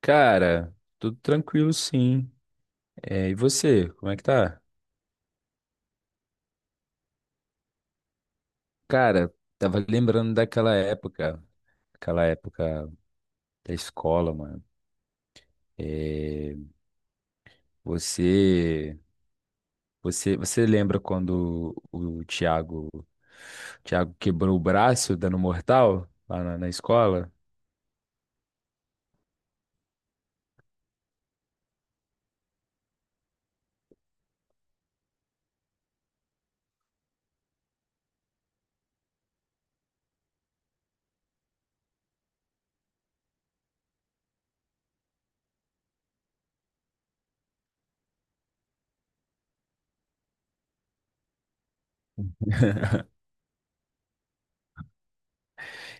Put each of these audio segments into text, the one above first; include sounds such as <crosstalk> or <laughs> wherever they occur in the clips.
Cara, tudo tranquilo, sim. É, e você, como é que tá? Cara, tava lembrando daquela época, aquela época da escola, mano. É, você, você lembra quando o Thiago quebrou o braço dando mortal lá na escola?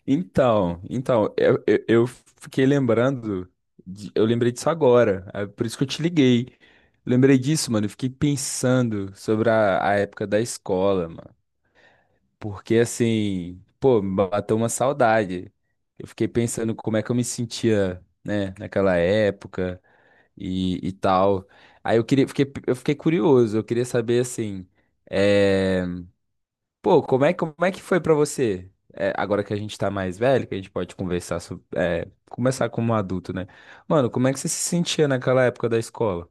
Então, eu fiquei lembrando, eu lembrei disso agora, é por isso que eu te liguei. Lembrei disso, mano, eu fiquei pensando sobre a época da escola, mano. Porque assim, pô, me bateu uma saudade. Eu fiquei pensando como é que eu me sentia, né, naquela época e tal. Aí eu queria, fiquei, eu fiquei curioso, eu queria saber assim, eh, pô, como é que foi pra você? É, agora que a gente tá mais velho, que a gente pode conversar sobre, é, começar como adulto, né? Mano, como é que você se sentia naquela época da escola?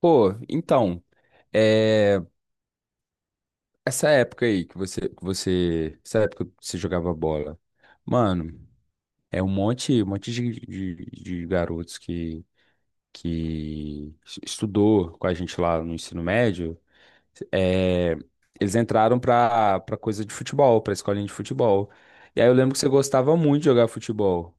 Pô, então, é, essa época aí que você, essa época que você jogava bola, mano, é um monte de garotos que, que estudou com a gente lá no ensino médio. É, eles entraram pra coisa de futebol, pra escolinha de futebol. E aí eu lembro que você gostava muito de jogar futebol.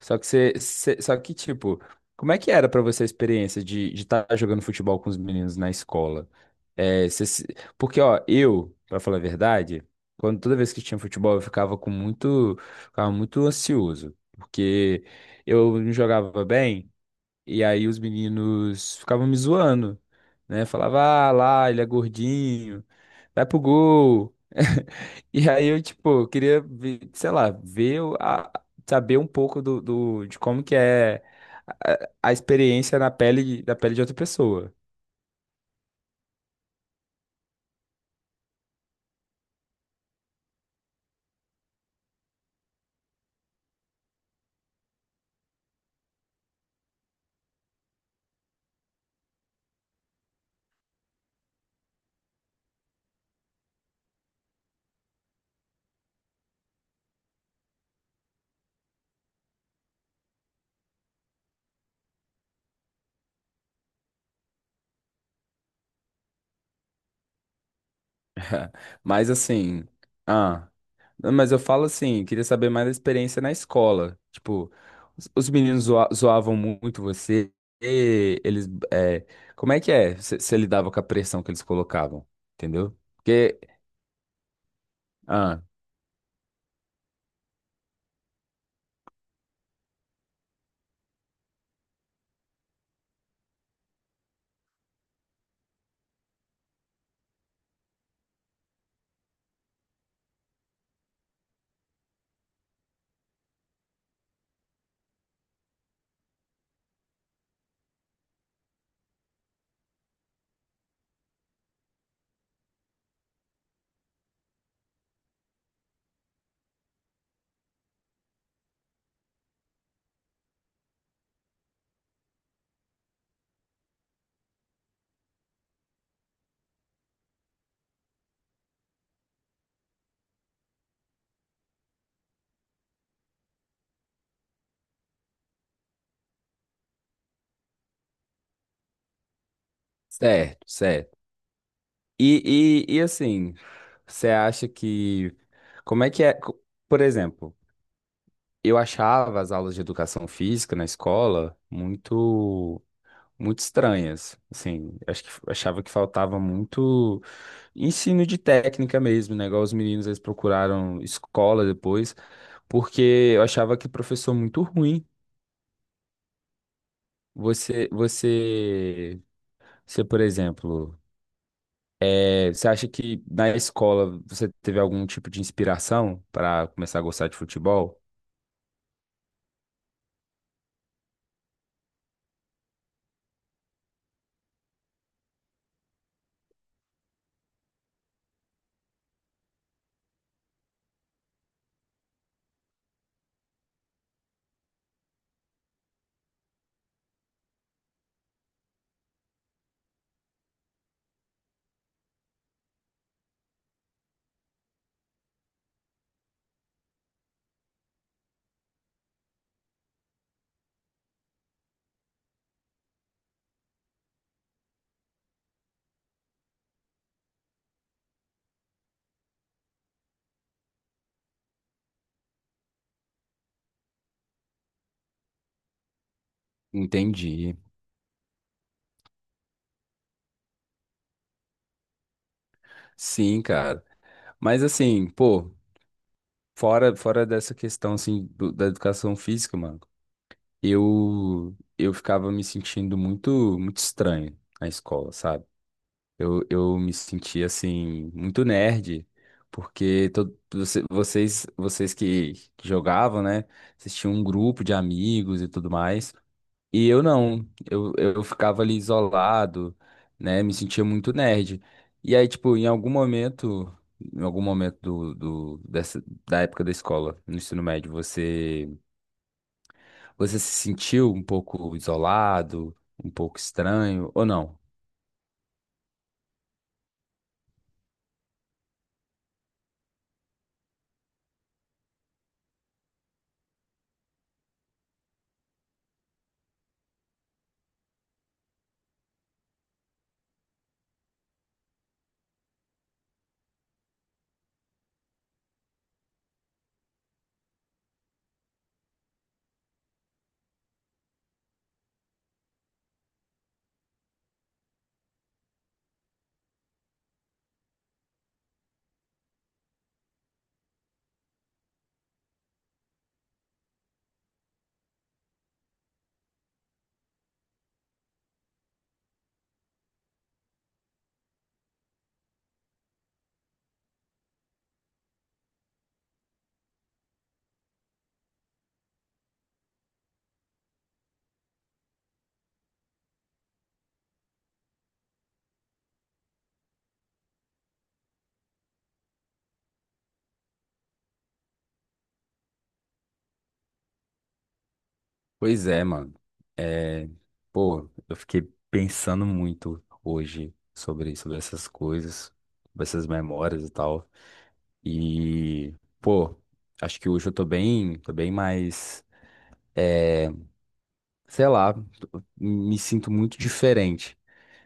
Só que você, só que tipo, como é que era pra você a experiência de estar jogando futebol com os meninos na escola? É, você se- porque ó, eu, pra falar a verdade, quando toda vez que tinha futebol, eu ficava com muito, ficava muito ansioso, porque eu não jogava bem. E aí os meninos ficavam me zoando, né? Falava, ah, lá, ele é gordinho, vai pro gol. <laughs> E aí eu, tipo, queria ver, sei lá, saber um pouco do, de como que é a experiência na pele, da pele de outra pessoa. <laughs> Mas assim, ah, não, mas eu falo assim, queria saber mais da experiência na escola. Tipo, os meninos zoavam muito você, e eles, é, como é que é? Você lidava com a pressão que eles colocavam, entendeu? Porque, ah, certo, certo. E assim, você acha que, como é que é? Por exemplo, eu achava as aulas de educação física na escola muito muito estranhas. Assim, acho que achava que faltava muito ensino de técnica mesmo, né? Igual os meninos, eles procuraram escola depois, porque eu achava que professor muito ruim. Você, você, você, por exemplo, é, você acha que na escola você teve algum tipo de inspiração para começar a gostar de futebol? Entendi. Sim, cara. Mas assim, pô, fora, fora dessa questão assim da educação física, mano. Eu ficava me sentindo muito muito estranho na escola, sabe? Eu me sentia assim muito nerd, porque todo, vocês que jogavam, né? Vocês tinham um grupo de amigos e tudo mais. E eu não, eu ficava ali isolado, né? Me sentia muito nerd. E aí, tipo, em algum momento do, do, dessa, da época da escola, no ensino médio, você se sentiu um pouco isolado, um pouco estranho, ou não? Pois é, mano. É, pô, eu fiquei pensando muito hoje sobre, sobre essas coisas, sobre essas memórias e tal. E, pô, acho que hoje eu tô bem mais, é, sei lá, me sinto muito diferente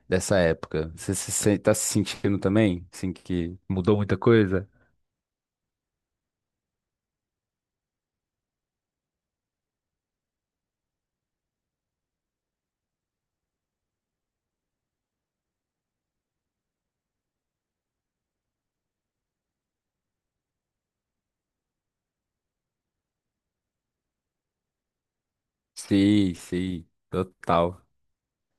dessa época. Você se, sen- tá se sentindo também? Assim, que mudou muita coisa? Sim, sim, total.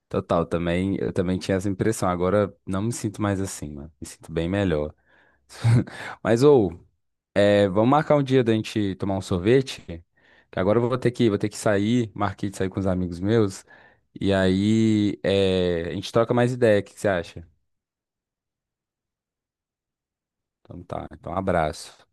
Total, também, eu também tinha essa impressão. Agora não me sinto mais assim, mano. Me sinto bem melhor. <laughs> Mas, ou, é, vamos marcar um dia da gente tomar um sorvete? Que agora eu vou ter que sair, marquei de sair com os amigos meus. E aí, é, a gente troca mais ideia, o que que você acha? Então tá, então um abraço.